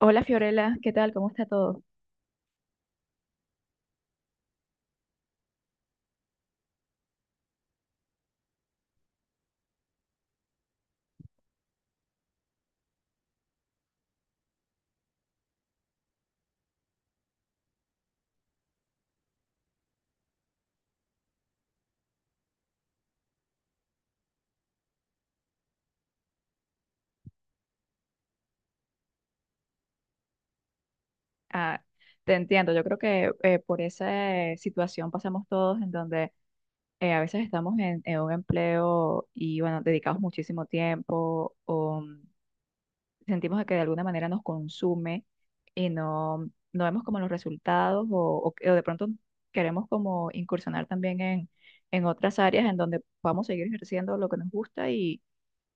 Hola Fiorella, ¿qué tal? ¿Cómo está todo? Ah, te entiendo, yo creo que por esa situación pasamos todos en donde a veces estamos en un empleo y bueno, dedicamos muchísimo tiempo o mm, sentimos que de alguna manera nos consume y no vemos como los resultados o o de pronto queremos como incursionar también en otras áreas en donde podamos seguir ejerciendo lo que nos gusta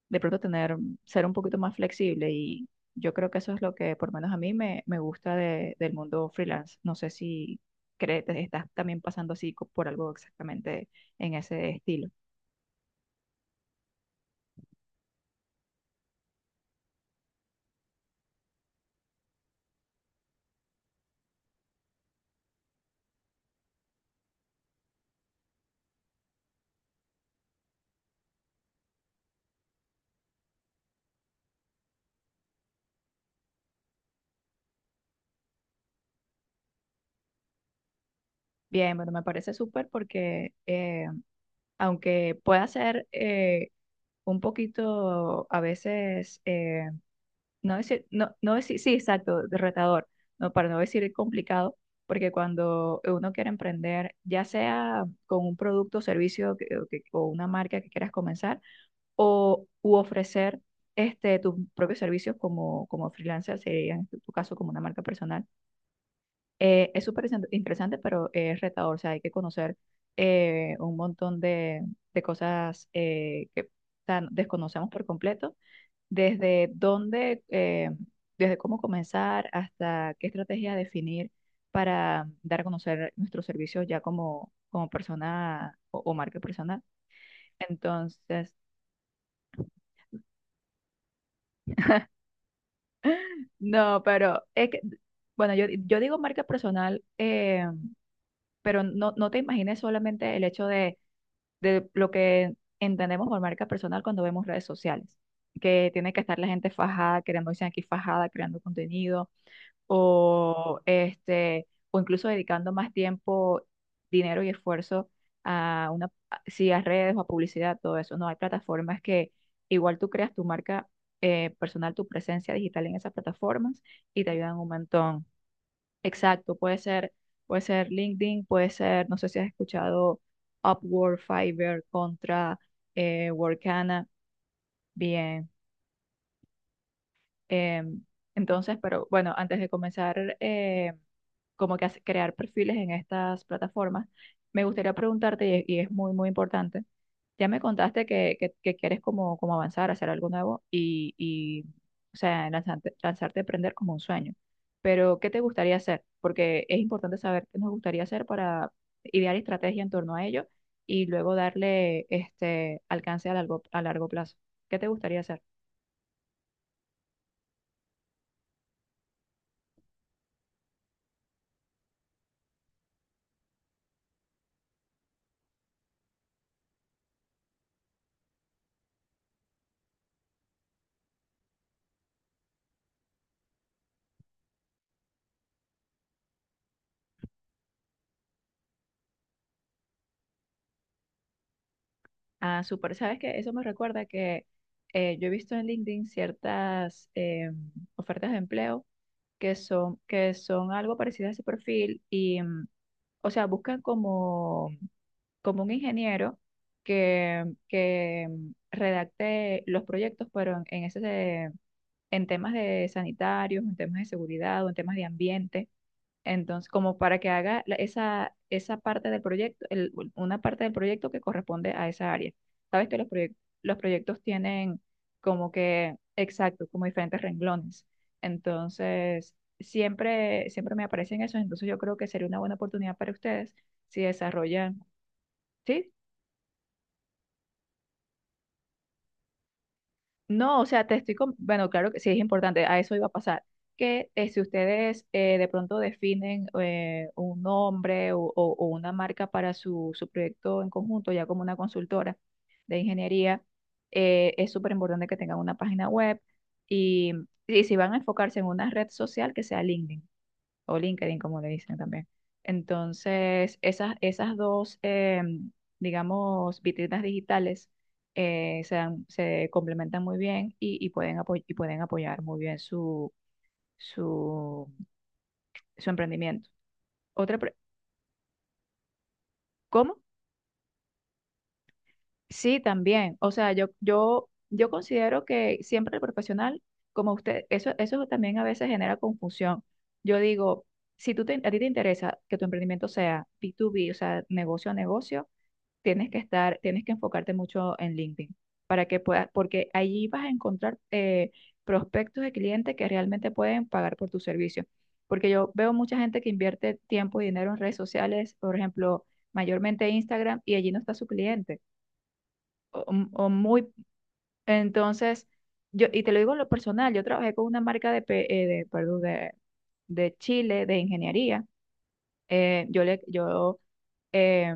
de pronto tener, ser un poquito más flexible y yo creo que eso es lo que por lo menos a mí me gusta del mundo freelance. No sé si crees, estás también pasando así por algo exactamente en ese estilo. Bien, bueno, me parece súper porque aunque pueda ser un poquito a veces no decir, no, no decir, sí, exacto, de retador, no, para no decir complicado, porque cuando uno quiere emprender, ya sea con un producto o servicio o, o una marca que quieras comenzar, o u ofrecer este, tus propios servicios como freelancer, sería en tu caso como una marca personal, es súper interesante, pero es retador, o sea, hay que conocer un montón de cosas que o sea, desconocemos por completo desde dónde, desde cómo comenzar hasta qué estrategia definir para dar a conocer nuestros servicios ya como persona o marca personal. Entonces, no, pero es que, bueno, yo digo marca personal, pero no te imagines solamente el hecho de, lo que entendemos por marca personal cuando vemos redes sociales, que tiene que estar la gente fajada, creando, dicen aquí fajada, creando contenido o este, o incluso dedicando más tiempo, dinero y esfuerzo a una, sí, a redes o a publicidad, todo eso, ¿no? Hay plataformas que igual tú creas tu marca personal, tu presencia digital en esas plataformas y te ayudan un montón. Exacto, puede ser LinkedIn, puede ser, no sé si has escuchado Upwork, Fiverr, Contra, Workana, bien. Eh, entonces, pero bueno, antes de comenzar como que crear perfiles en estas plataformas, me gustaría preguntarte, y es muy, muy importante, ya me contaste que, que quieres como avanzar, hacer algo nuevo o sea, lanzarte a aprender como un sueño, pero ¿qué te gustaría hacer? Porque es importante saber qué nos gustaría hacer para idear estrategia en torno a ello y luego darle este alcance a largo plazo. ¿Qué te gustaría hacer? Ah, súper. ¿Sabes qué? Eso me recuerda que yo he visto en LinkedIn ciertas ofertas de empleo que son algo parecidas a ese perfil y, mm, o sea, buscan como un ingeniero que mm, redacte los proyectos, pero ese en temas de sanitarios, en temas de seguridad o en temas de ambiente. Entonces, como para que haga esa, esa parte del proyecto, una parte del proyecto que corresponde a esa área. Sabes que los proyectos, los proyectos tienen como que, exacto, como diferentes renglones. Entonces, siempre me aparecen esos. Entonces, yo creo que sería una buena oportunidad para ustedes si desarrollan, ¿sí? No, o sea, te estoy con... Bueno, claro que sí es importante, a eso iba a pasar. Que si ustedes de pronto definen un nombre o una marca para su, su proyecto en conjunto, ya como una consultora de ingeniería, es súper importante que tengan una página web y, y si van a enfocarse en una red social, que sea LinkedIn o LinkedIn, como le dicen también. Entonces, esas, esas dos, digamos, vitrinas digitales se, se complementan muy bien y pueden y pueden apoyar muy bien su, su, su emprendimiento. Otra pre- ¿Cómo? Sí, también. O sea, yo considero que siempre el profesional, como usted, eso también a veces genera confusión. Yo digo, si tú a ti te interesa que tu emprendimiento sea B2B, o sea, negocio a negocio, tienes que estar, tienes que enfocarte mucho en LinkedIn para que puedas, porque allí vas a encontrar prospectos de clientes que realmente pueden pagar por tu servicio. Porque yo veo mucha gente que invierte tiempo y dinero en redes sociales, por ejemplo, mayormente Instagram, y allí no está su cliente. O, mm, o muy, entonces, yo, y te lo digo en lo personal, yo trabajé con una marca de, perdón, de Chile, de ingeniería. Yo le, yo eh,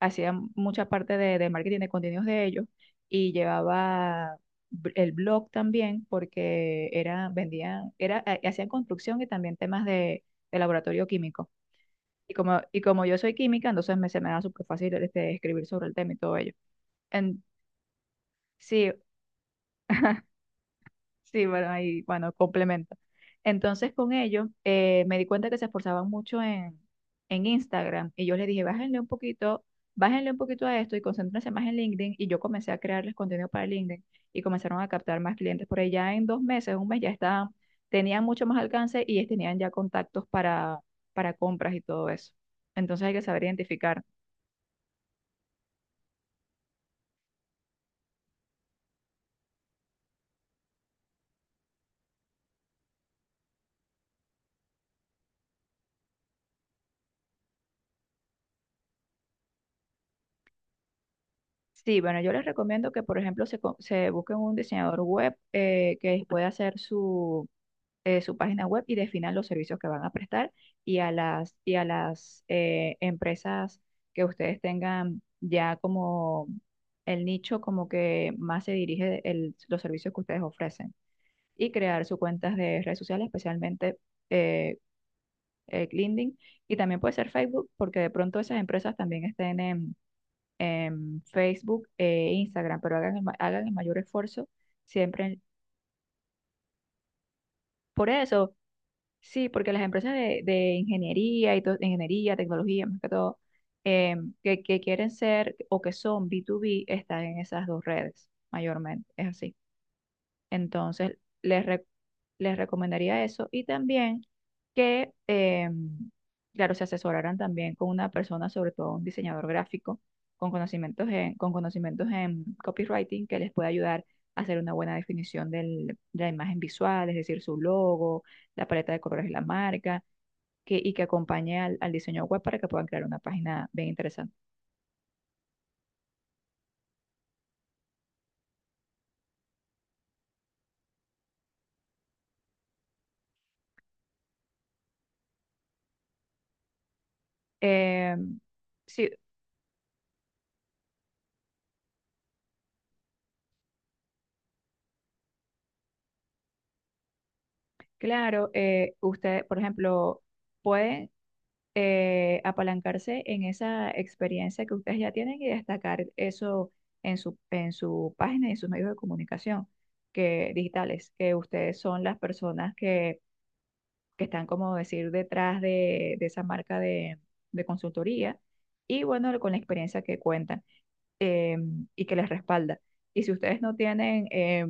hacía mucha parte de marketing de contenidos de ellos y llevaba el blog también porque era, vendían, era, hacían construcción y también temas de laboratorio químico. Y como yo soy química, entonces me, se me da súper fácil este, escribir sobre el tema y todo ello. En, sí, sí, bueno, ahí, bueno, complemento. Entonces, con ellos me di cuenta que se esforzaban mucho en Instagram y yo les dije, bájenle un poquito a esto y concéntrense más en LinkedIn y yo comencé a crearles contenido para LinkedIn y comenzaron a captar más clientes. Por ahí ya en 2 meses, un mes ya estaban, tenían mucho más alcance y tenían ya contactos para compras y todo eso. Entonces hay que saber identificar. Sí, bueno, yo les recomiendo que, por ejemplo, se, se busquen un diseñador web que pueda hacer su su página web y definan los servicios que van a prestar y a las empresas que ustedes tengan ya como el nicho como que más se dirige los servicios que ustedes ofrecen y crear sus cuentas de redes sociales, especialmente eh, LinkedIn y también puede ser Facebook porque de pronto esas empresas también estén en Facebook e Instagram, pero hagan hagan el mayor esfuerzo siempre. Por eso sí, porque las empresas de ingeniería y todo, ingeniería, tecnología, más que todo, eh, que quieren ser o que son B2B, están en esas dos redes, mayormente. Es así. Entonces, les, re- les recomendaría eso y también que, claro, se asesoraran también con una persona, sobre todo un diseñador gráfico, con conocimientos en copywriting que les pueda ayudar a hacer una buena definición de la imagen visual, es decir, su logo, la paleta de colores de la marca, que, y que acompañe al diseño web para que puedan crear una página bien interesante. Em, sí, claro, usted, por ejemplo, puede apalancarse en esa experiencia que ustedes ya tienen y destacar eso en su página y en sus medios de comunicación que, digitales, que ustedes son las personas que están, como decir, detrás de esa marca de consultoría y bueno, con la experiencia que cuentan eh, y que les respalda. Y si ustedes no tienen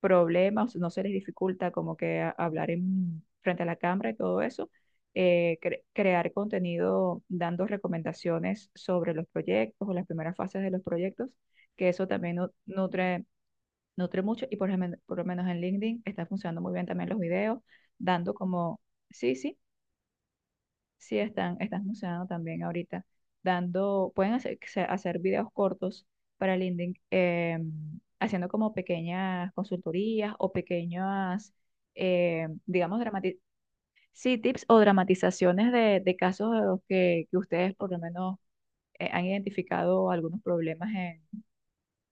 problemas, no se les dificulta como que hablar frente a la cámara y todo eso, crear contenido dando recomendaciones sobre los proyectos o las primeras fases de los proyectos, que eso también nutre, nutre mucho y por, por lo menos en LinkedIn está funcionando muy bien también los videos, dando como, sí, sí, sí, están, están funcionando también ahorita, dando, pueden hacer, hacer videos cortos para LinkedIn, haciendo como pequeñas consultorías o pequeñas, digamos, sí, tips o dramatizaciones de casos de los que ustedes por lo menos han identificado algunos problemas en-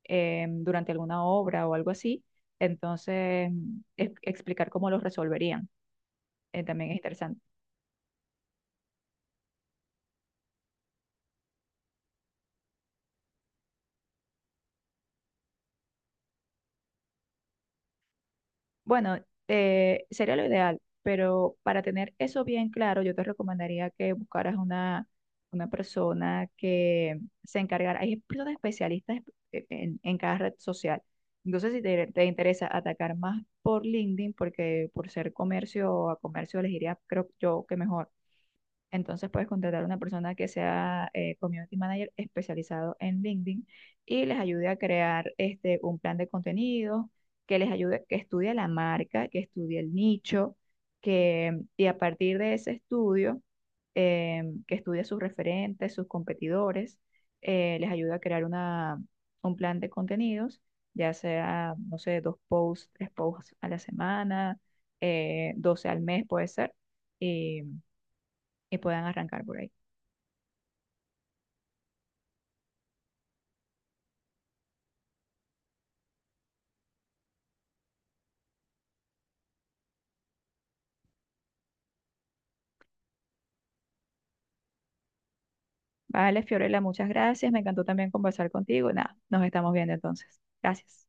en- durante alguna obra o algo así. Entonces, explicar cómo los resolverían, también es interesante. Bueno, sería lo ideal, pero para tener eso bien claro, yo te recomendaría que buscaras una persona que se encargara. Hay personas especialistas en cada red social. Entonces, si te, te interesa atacar más por LinkedIn, porque por ser comercio a comercio elegiría, creo yo que mejor. Entonces puedes contratar a una persona que sea community manager especializado en LinkedIn y les ayude a crear este, un plan de contenido, que les ayude, que estudie la marca, que estudie el nicho, que, y a partir de ese estudio, que estudie sus referentes, sus competidores, les ayude a crear una, un plan de contenidos, ya sea, no sé, dos posts, tres posts a la semana, 12 al mes puede ser y puedan arrancar por ahí. Vale, Fiorella, muchas gracias. Me encantó también conversar contigo. Nada, nos estamos viendo entonces. Gracias.